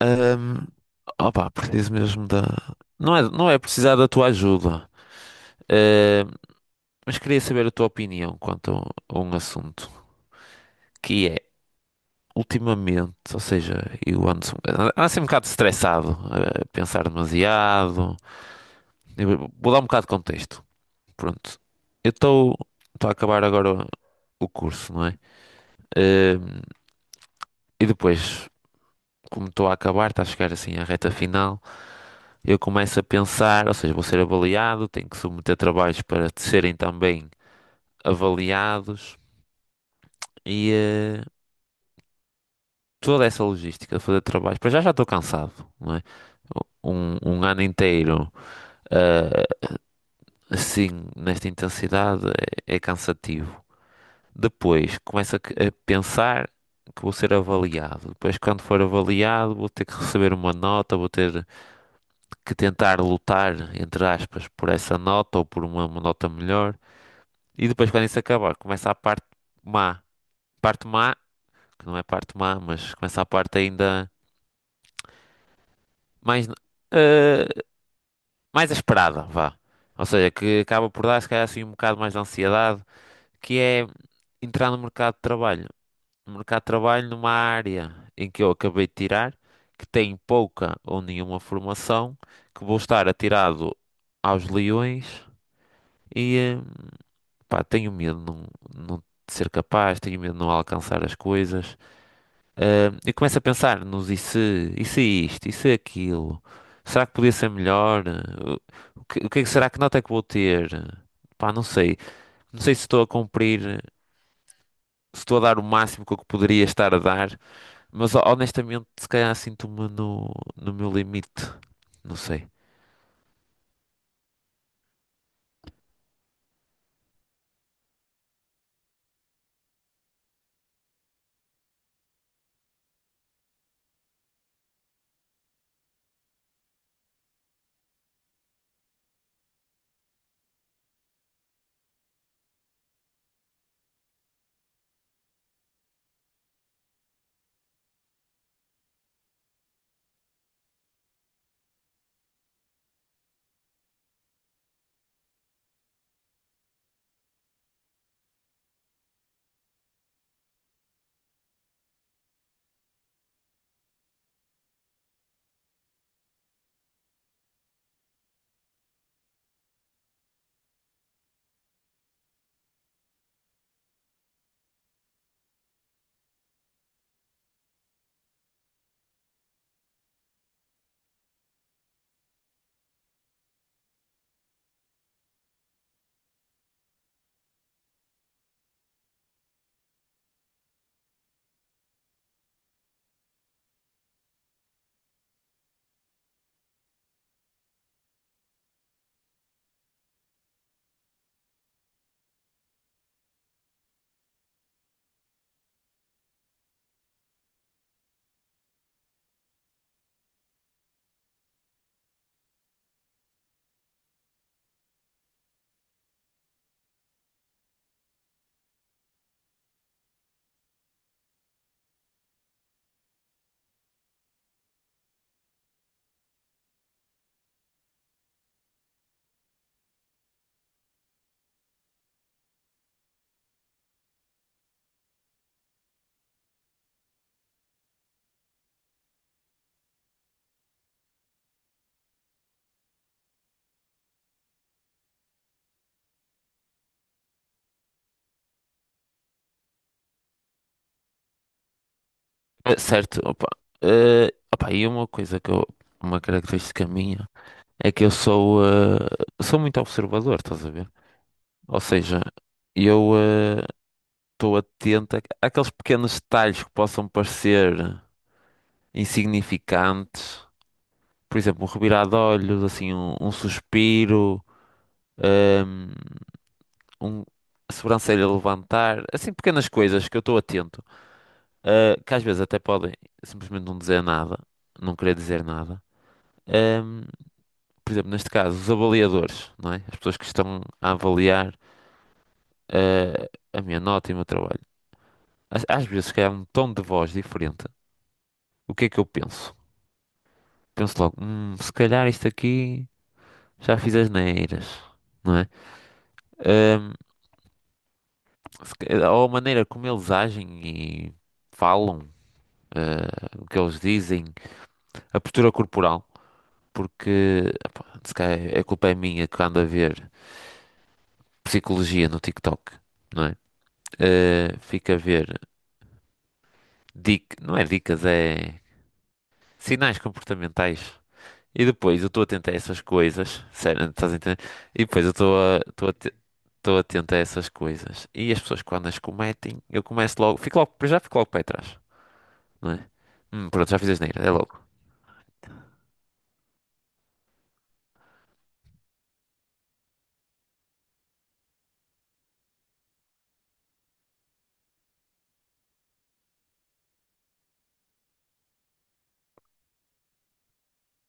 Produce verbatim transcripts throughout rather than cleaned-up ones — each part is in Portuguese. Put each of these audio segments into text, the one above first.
Ahm, opá, preciso mesmo da. Não é, não é precisar da tua ajuda, ahm, mas queria saber a tua opinião quanto a um assunto que é, ultimamente, ou seja, eu ando, ando assim um bocado estressado, a pensar demasiado. Eu vou dar um bocado de contexto. Pronto, eu estou a acabar agora o curso, não é? Ahm, e depois, como estou a acabar, está a chegar assim à reta final. Eu começo a pensar, ou seja, vou ser avaliado, tenho que submeter trabalhos para serem também avaliados e eh, toda essa logística de fazer trabalhos. Para já já estou cansado, não é? Um, um ano inteiro eh, assim, nesta intensidade, é, é cansativo. Depois começo a, que- a pensar que vou ser avaliado. Depois, quando for avaliado, vou ter que receber uma nota, vou ter que tentar lutar, entre aspas, por essa nota ou por uma uma nota melhor. E depois, quando isso acabar, começa a parte má. Parte má, que não é parte má, mas começa a parte ainda mais, eh, mais esperada, vá. Ou seja, que acaba por dar, se calhar, assim, um bocado mais de ansiedade, que é entrar no mercado de trabalho. No mercado de trabalho, numa área em que eu acabei de tirar, que tem pouca ou nenhuma formação, que vou estar atirado aos leões e, eh, pá, tenho medo de não, não ser capaz, tenho medo de não alcançar as coisas. Ah, e começo a pensar nos e se, e se isto, e se aquilo, será que podia ser melhor? Ah, O o que, o que é que será que nota é que vou ter? Pá, não sei. Não sei se estou a cumprir, se estou a dar o máximo que eu poderia estar a dar, mas ho- honestamente, se calhar sinto-me no, no meu limite. Não sei. Ah, certo, opa. Ah, opa, e uma coisa que eu, uma característica minha é que eu sou, ah, sou muito observador, estás a ver? Ou seja, eu. ah, estou atento a- àqueles pequenos detalhes que possam parecer insignificantes. Por exemplo, um revirar de olhos, assim, um, um suspiro, ahm, um, a sobrancelha levantar, assim, pequenas coisas que eu estou atento, ah, que às vezes até podem simplesmente não dizer nada, não querer dizer nada. Ahm, por exemplo, neste caso, os avaliadores, não é? As pessoas que estão a avaliar, ah, a minha nota e o meu trabalho. Às, às vezes, se calhar, um tom de voz diferente. O que é que eu penso? Penso logo, "Hum, se calhar isto aqui já fiz asneiras, não é? Ahm, se ca- ou a maneira como eles agem e falam, ah, o que eles dizem, a postura corporal, porque epá, se calhar é, a culpa é minha que ando a ver psicologia no TikTok, não é? Ah, fico a ver dic, não é dicas, é sinais comportamentais. E depois eu estou atento a essas coisas, sério, estás a entender? E depois eu estou a, Estou atento a essas coisas. E as pessoas quando as cometem, eu começo logo, fico logo, para já fico logo para trás, não é? Hum, pronto, já fiz a asneira, é logo.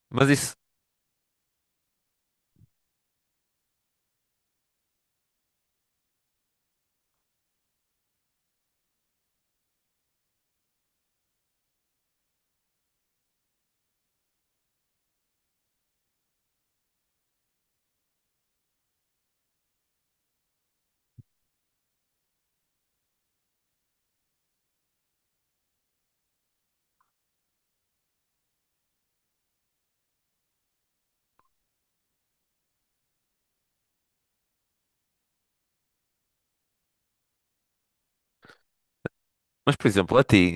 Mas isso, mas por exemplo, a ti,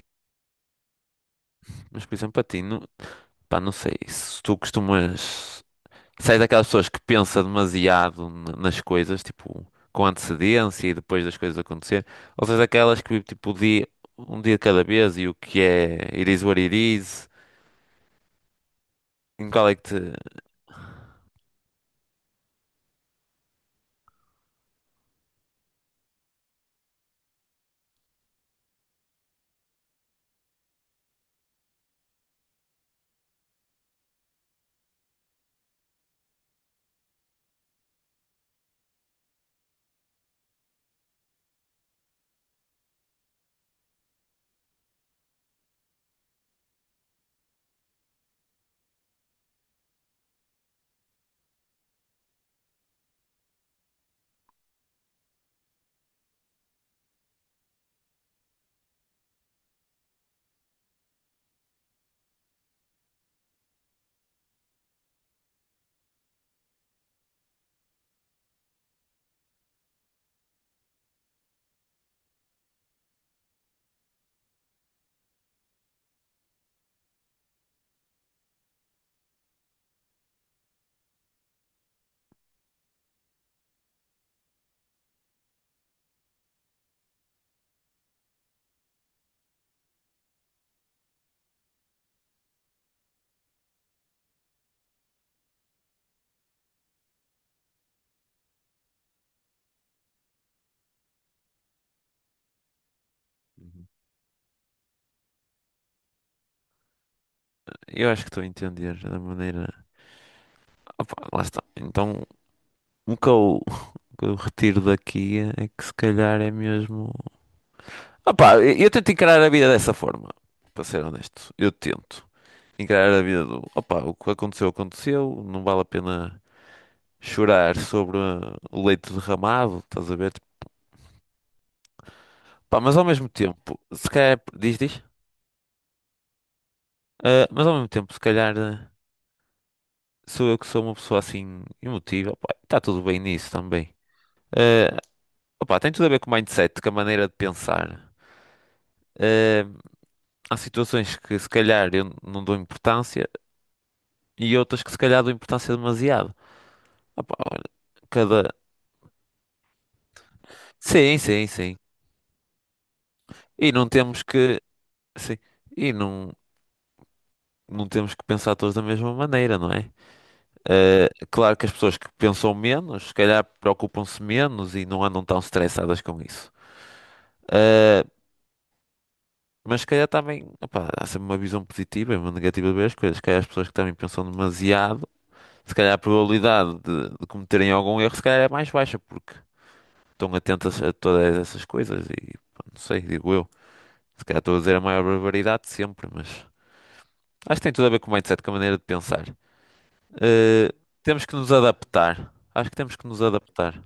mas por exemplo, a ti, não, pá, não sei, se tu costumas, se és daquelas pessoas que pensa demasiado na- nas coisas, tipo, com antecedência e depois das coisas acontecer, ou se és daquelas que tipo o dia, um dia de cada vez e o que é, it is what it is, em qual é que te, Uhum. eu acho que estou a entender da maneira Opa, lá está. Então, o que eu, o que eu retiro daqui é que se calhar é mesmo. Opa, eu, eu tento encarar a vida dessa forma, para ser honesto. Eu tento encarar a vida do. Opa, o que aconteceu, aconteceu. Não vale a pena chorar sobre ah, o leite derramado, estás a ver? Pá, mas ao mesmo tempo, se calhar. Diz, diz. Ah, mas ao mesmo tempo, se calhar ah, sou eu que sou uma pessoa assim emotiva. Opa, está tudo bem nisso também. Ah, opa, tem tudo a ver com o mindset, com a maneira de pensar. Ah, há situações que se calhar eu não dou importância e outras que se calhar dou importância demasiado. Opa, olha, cada. Sim, sim, sim. E não temos que. Sim. E não, não temos que pensar todos da mesma maneira, não é? Eh, claro que as pessoas que pensam menos, se calhar preocupam-se menos e não andam tão estressadas com isso. Eh, mas se calhar também, opa, há sempre uma visão positiva e uma negativa de ver as coisas. Se calhar as pessoas que também pensam demasiado, se calhar a probabilidade de, de cometerem algum erro, se calhar é mais baixa, porque estão atentas a todas essas coisas e pá, não sei, digo eu. Se calhar estou a dizer a maior barbaridade de sempre, mas acho que tem tudo a ver com o mindset, com a maneira de pensar. Eh, temos que nos adaptar. Acho que temos que nos adaptar.